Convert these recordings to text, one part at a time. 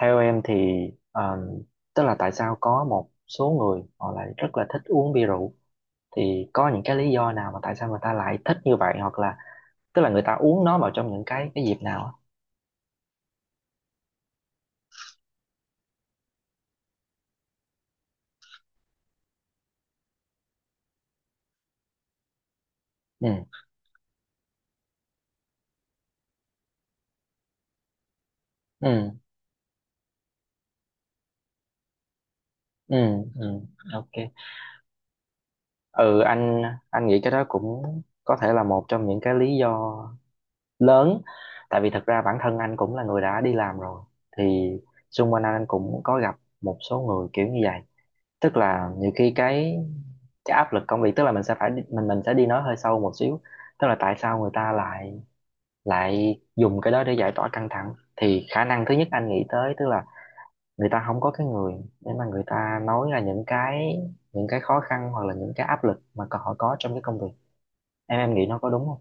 Theo em thì um, tức là tại sao có một số người họ lại rất là thích uống bia rượu thì có những cái lý do nào mà tại sao người ta lại thích như vậy hoặc là tức là người ta uống nó vào trong những cái dịp nào á? Ừ. Ừ. Ừ. Ừ. OK. Ừ. Anh nghĩ cái đó cũng có thể là một trong những cái lý do lớn, tại vì thật ra bản thân anh cũng là người đã đi làm rồi thì xung quanh anh cũng có gặp một số người kiểu như vậy. Tức là nhiều khi cái áp lực công việc, tức là mình sẽ đi nói hơi sâu một xíu. Tức là tại sao người ta lại lại dùng cái đó để giải tỏa căng thẳng thì khả năng thứ nhất anh nghĩ tới, tức là người ta không có cái người để mà người ta nói là những cái khó khăn hoặc là những cái áp lực mà còn họ có trong cái công việc. Em nghĩ nó có đúng không?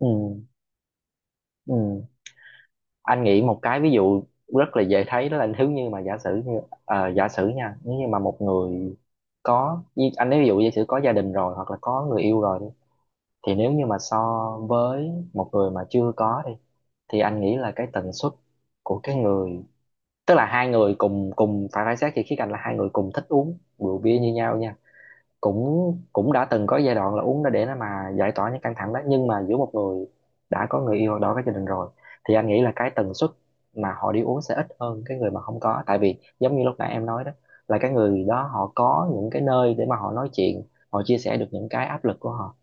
Ừ. Ừ. Anh nghĩ một cái ví dụ rất là dễ thấy, đó là nếu như mà giả sử như giả sử nha, nếu như mà một người anh nói ví dụ giả sử có gia đình rồi hoặc là có người yêu rồi đi, thì nếu như mà so với một người mà chưa có đi, thì anh nghĩ là cái tần suất của cái người, tức là hai người cùng cùng phải phải xét thì khía cạnh là hai người cùng thích uống rượu bia như nhau nha, cũng cũng đã từng có giai đoạn là uống đó để nó mà giải tỏa những căng thẳng đó, nhưng mà giữa một người đã có người yêu hoặc đã có gia đình rồi thì anh nghĩ là cái tần suất mà họ đi uống sẽ ít hơn cái người mà không có, tại vì giống như lúc nãy em nói đó, là cái người đó họ có những cái nơi để mà họ nói chuyện, họ chia sẻ được những cái áp lực của họ.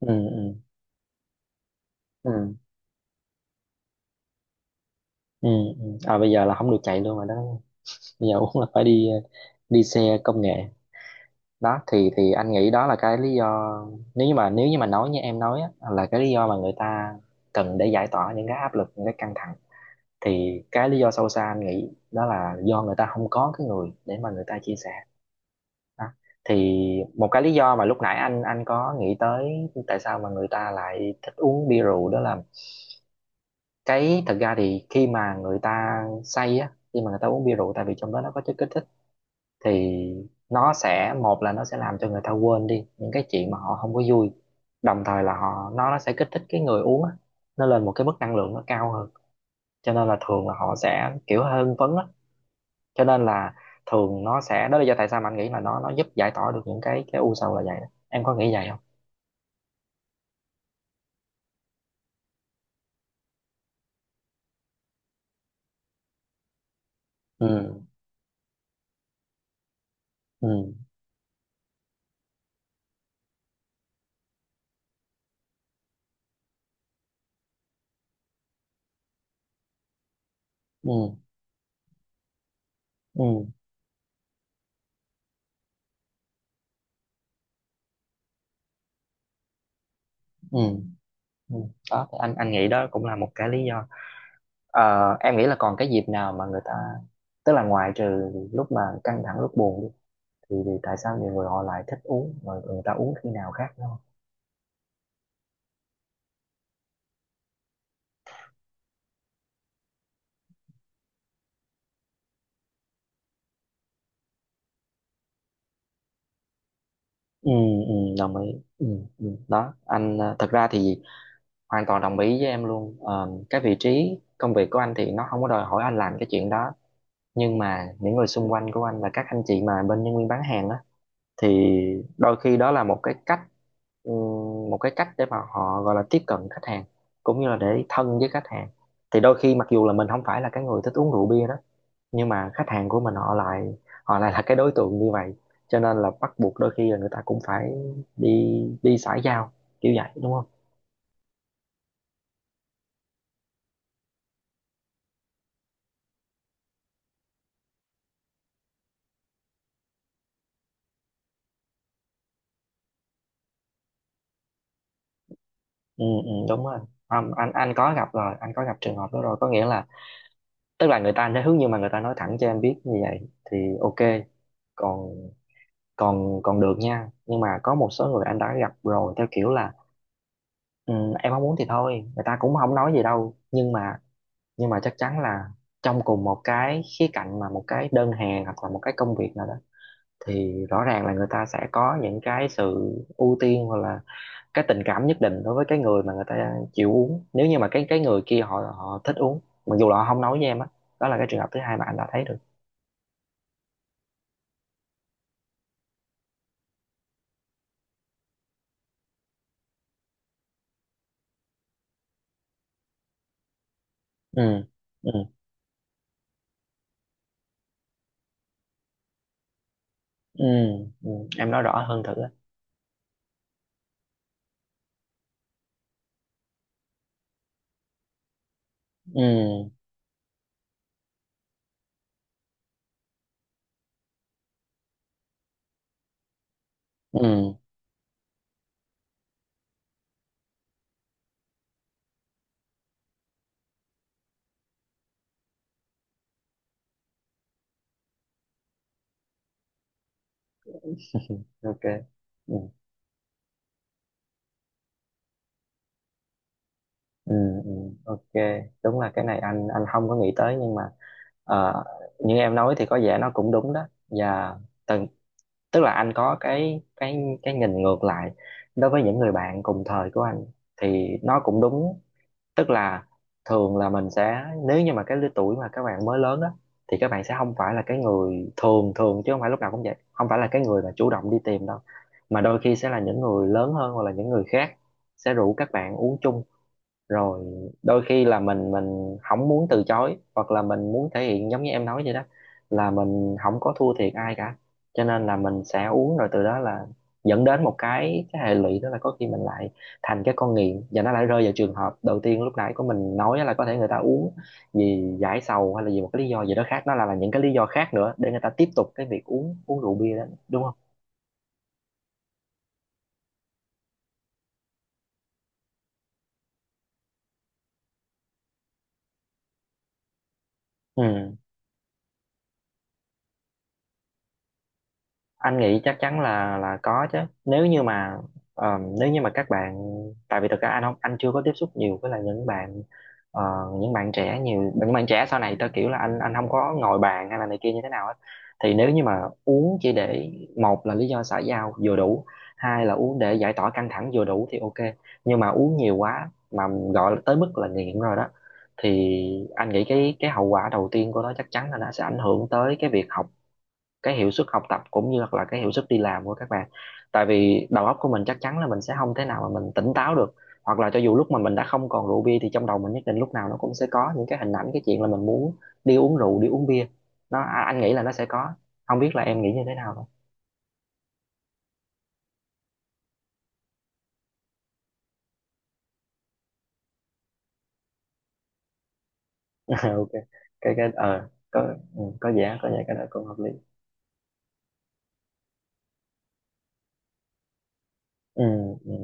Ừ. Ừ. Ừ. Ừ. Ừ. À, bây giờ là không được chạy luôn rồi đó, bây giờ uống là phải đi đi xe công nghệ. Đó thì anh nghĩ đó là cái lý do, nếu như mà nói như em nói á, là cái lý do mà người ta cần để giải tỏa những cái áp lực, những cái căng thẳng, thì cái lý do sâu xa anh nghĩ đó là do người ta không có cái người để mà người ta chia sẻ đó. Thì một cái lý do mà lúc nãy anh có nghĩ tới tại sao mà người ta lại thích uống bia rượu đó là, cái thật ra thì khi mà người ta say á, khi mà người ta uống bia rượu, tại vì trong đó nó có chất kích thích, thì nó sẽ, một là nó sẽ làm cho người ta quên đi những cái chuyện mà họ không có vui, đồng thời là họ nó sẽ kích thích cái người uống á, nó lên một cái mức năng lượng nó cao hơn, cho nên là thường là họ sẽ kiểu hơi hưng phấn á, cho nên là thường nó sẽ, đó là lý do tại sao mà anh nghĩ là nó giúp giải tỏa được những cái u sầu là vậy đó. Em có nghĩ vậy không? Ừ. Ừ. Ừ. Ừ. Ừ. Ừ. Đó thì anh nghĩ đó cũng là một cái lý do. Ờ, em nghĩ là còn cái dịp nào mà người ta, tức là ngoài trừ lúc mà căng thẳng lúc buồn đi, thì tại sao nhiều người họ lại thích uống, rồi người ta uống khi nào khác đúng không? Ừ. Ừ đồng ý. Ừ. Ừ. Đó anh, thật ra thì hoàn toàn đồng ý với em luôn. Ờ, cái vị trí công việc của anh thì nó không có đòi hỏi anh làm cái chuyện đó, nhưng mà những người xung quanh của anh và các anh chị mà bên nhân viên bán hàng á thì đôi khi đó là một cái cách, ừ, một cái cách để mà họ gọi là tiếp cận khách hàng cũng như là để thân với khách hàng. Thì đôi khi mặc dù là mình không phải là cái người thích uống rượu bia đó, nhưng mà khách hàng của mình họ lại là cái đối tượng như vậy, cho nên là bắt buộc đôi khi là người ta cũng phải đi đi xã giao kiểu vậy đúng không? Ừ. Ừ đúng rồi. Anh có gặp rồi, anh có gặp trường hợp đó rồi, có nghĩa là, tức là người ta nói hướng nhưng mà người ta nói thẳng cho em biết như vậy thì OK, còn còn còn được nha, nhưng mà có một số người anh đã gặp rồi theo kiểu là: ừ, em không muốn thì thôi người ta cũng không nói gì đâu, nhưng mà chắc chắn là trong cùng một cái khía cạnh mà một cái đơn hàng hoặc là một cái công việc nào đó, thì rõ ràng là người ta sẽ có những cái sự ưu tiên hoặc là cái tình cảm nhất định đối với cái người mà người ta chịu uống, nếu như mà cái người kia họ họ thích uống, mặc dù là họ không nói với em á. Đó là cái trường hợp thứ hai mà anh đã thấy được. Ừ. Ừ. Ừ. Ừ. Em nói rõ hơn thử á. Ừ. Ừ. OK. Ừ. Ừ. Ừ. OK. Đúng là cái này anh không có nghĩ tới, nhưng mà ờ, như em nói thì có vẻ nó cũng đúng đó. Và tức là anh có cái nhìn ngược lại đối với những người bạn cùng thời của anh thì nó cũng đúng, tức là thường là mình sẽ, nếu như mà cái lứa tuổi mà các bạn mới lớn á thì các bạn sẽ không phải là cái người, thường thường chứ không phải lúc nào cũng vậy, không phải là cái người mà chủ động đi tìm đâu, mà đôi khi sẽ là những người lớn hơn hoặc là những người khác sẽ rủ các bạn uống chung. Rồi đôi khi là mình không muốn từ chối, hoặc là mình muốn thể hiện giống như em nói vậy đó, là mình không có thua thiệt ai cả, cho nên là mình sẽ uống, rồi từ đó là dẫn đến một cái hệ lụy, đó là có khi mình lại thành cái con nghiện và nó lại rơi vào trường hợp đầu tiên lúc nãy của mình nói, là có thể người ta uống vì giải sầu hay là vì một cái lý do gì đó khác, nó là những cái lý do khác nữa để người ta tiếp tục cái việc uống uống rượu bia đó đúng không? Ừ, anh nghĩ chắc chắn là có chứ, nếu như mà nếu như mà các bạn, tại vì thực ra anh chưa có tiếp xúc nhiều với là những bạn ờ, những bạn trẻ nhiều những bạn trẻ sau này, theo kiểu là anh không có ngồi bàn hay là này kia như thế nào hết. Thì nếu như mà uống chỉ để, một là lý do xã giao vừa đủ, hai là uống để giải tỏa căng thẳng vừa đủ thì OK, nhưng mà uống nhiều quá mà gọi là tới mức là nghiện rồi đó, thì anh nghĩ cái hậu quả đầu tiên của nó chắc chắn là nó sẽ ảnh hưởng tới cái việc học, cái hiệu suất học tập cũng như là cái hiệu suất đi làm của các bạn, tại vì đầu óc của mình chắc chắn là mình sẽ không thể nào mà mình tỉnh táo được, hoặc là cho dù lúc mà mình đã không còn rượu bia thì trong đầu mình nhất định lúc nào nó cũng sẽ có những cái hình ảnh, cái chuyện là mình muốn đi uống rượu đi uống bia. Anh nghĩ là nó sẽ có, không biết là em nghĩ như thế nào thôi. OK. Cái ờ Có. Ừ, có vẻ cái đó cũng hợp lý. Ừ. Ừ.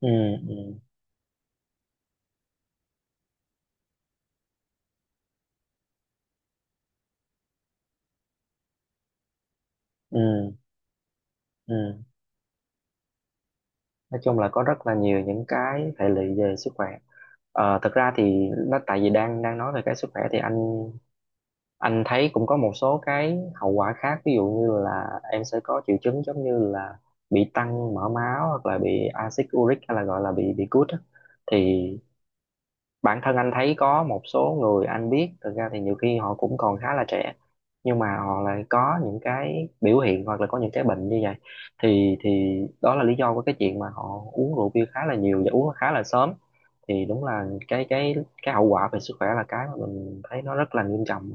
Ừ. Ừ. Ừ. Ừ. Nói chung là có rất là nhiều những cái hệ lụy về sức khỏe. Thật ra thì nó tại vì đang đang nói về cái sức khỏe thì anh thấy cũng có một số cái hậu quả khác, ví dụ như là em sẽ có triệu chứng giống như là bị tăng mỡ máu hoặc là bị axit uric, hay là gọi là bị gút á. Thì bản thân anh thấy có một số người anh biết, thực ra thì nhiều khi họ cũng còn khá là trẻ, nhưng mà họ lại có những cái biểu hiện hoặc là có những cái bệnh như vậy. Thì đó là lý do của cái chuyện mà họ uống rượu bia khá là nhiều và uống khá là sớm. Thì đúng là cái hậu quả về sức khỏe là cái mà mình thấy nó rất là nghiêm trọng,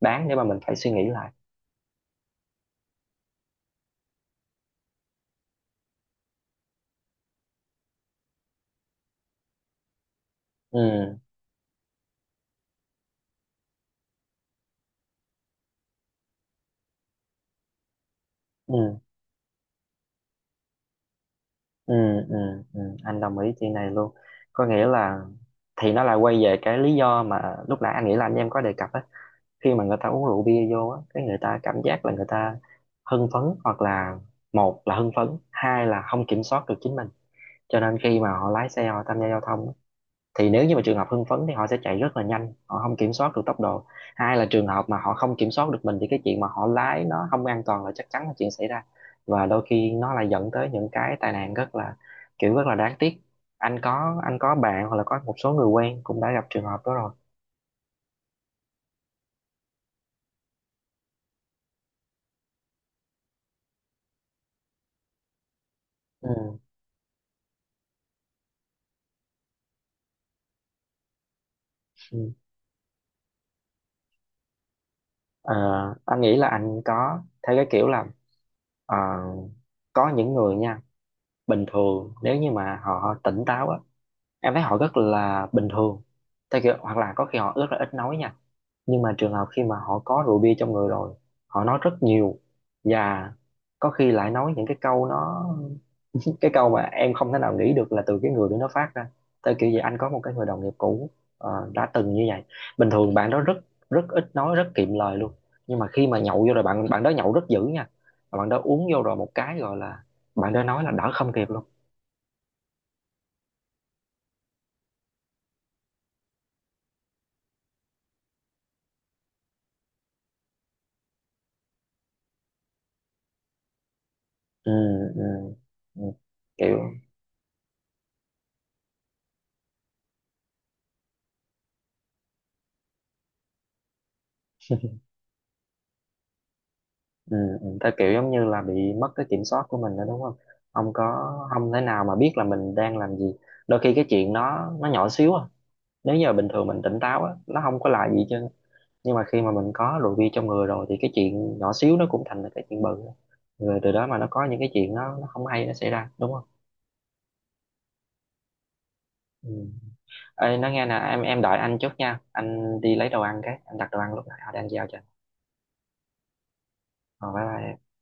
đáng để mà mình phải suy nghĩ lại. Ừ, ừ, ừ, ừ, ừ. Anh đồng ý chuyện này luôn. Có nghĩa là thì nó lại quay về cái lý do mà lúc nãy anh nghĩ là anh em có đề cập á. Khi mà người ta uống rượu bia vô á, cái người ta cảm giác là người ta hưng phấn, hoặc là một là hưng phấn, hai là không kiểm soát được chính mình. Cho nên khi mà họ lái xe, họ tham gia giao thông á, thì nếu như mà trường hợp hưng phấn thì họ sẽ chạy rất là nhanh, họ không kiểm soát được tốc độ. Hai là trường hợp mà họ không kiểm soát được mình thì cái chuyện mà họ lái nó không an toàn là chắc chắn là chuyện xảy ra. Và đôi khi nó lại dẫn tới những cái tai nạn rất là, kiểu rất là đáng tiếc. Anh có bạn hoặc là có một số người quen cũng đã gặp trường hợp đó rồi. Ừ. Ờ, anh nghĩ là anh có thấy cái kiểu là, ờ, có những người nha, bình thường nếu như mà họ tỉnh táo á, em thấy họ rất là bình thường, theo kiểu hoặc là có khi họ rất là ít nói nha. Nhưng mà trường hợp khi mà họ có rượu bia trong người rồi, họ nói rất nhiều. Và có khi lại nói những cái câu nó cái câu mà em không thể nào nghĩ được là từ cái người đó nó phát ra. Tới kiểu gì anh có một cái người đồng nghiệp cũ đã từng như vậy. Bình thường bạn đó rất, rất ít nói, rất kiệm lời luôn. Nhưng mà khi mà nhậu vô rồi, bạn bạn đó nhậu rất dữ nha. Mà bạn đó uống vô rồi, một cái gọi là bạn đó nói là đỡ không kịp luôn. Ừ, ừ, ừ. Kiểu, ừ, ừ, ta kiểu giống như là bị mất cái kiểm soát của mình nữa, đúng không? Không có, không thể nào mà biết là mình đang làm gì. Đôi khi cái chuyện nó nhỏ xíu à. Nếu như bình thường mình tỉnh táo á, nó không có là gì chứ. Nhưng mà khi mà mình có rượu bia trong người rồi thì cái chuyện nhỏ xíu nó cũng thành là cái chuyện bự. Rồi từ đó mà nó có những cái chuyện nó không hay nó xảy ra, đúng không? Ừ. Ê, nói nghe nè, em đợi anh chút nha. Anh đi lấy đồ ăn cái, anh đặt đồ ăn lúc nãy họ đang giao cho. Rồi bye bye em.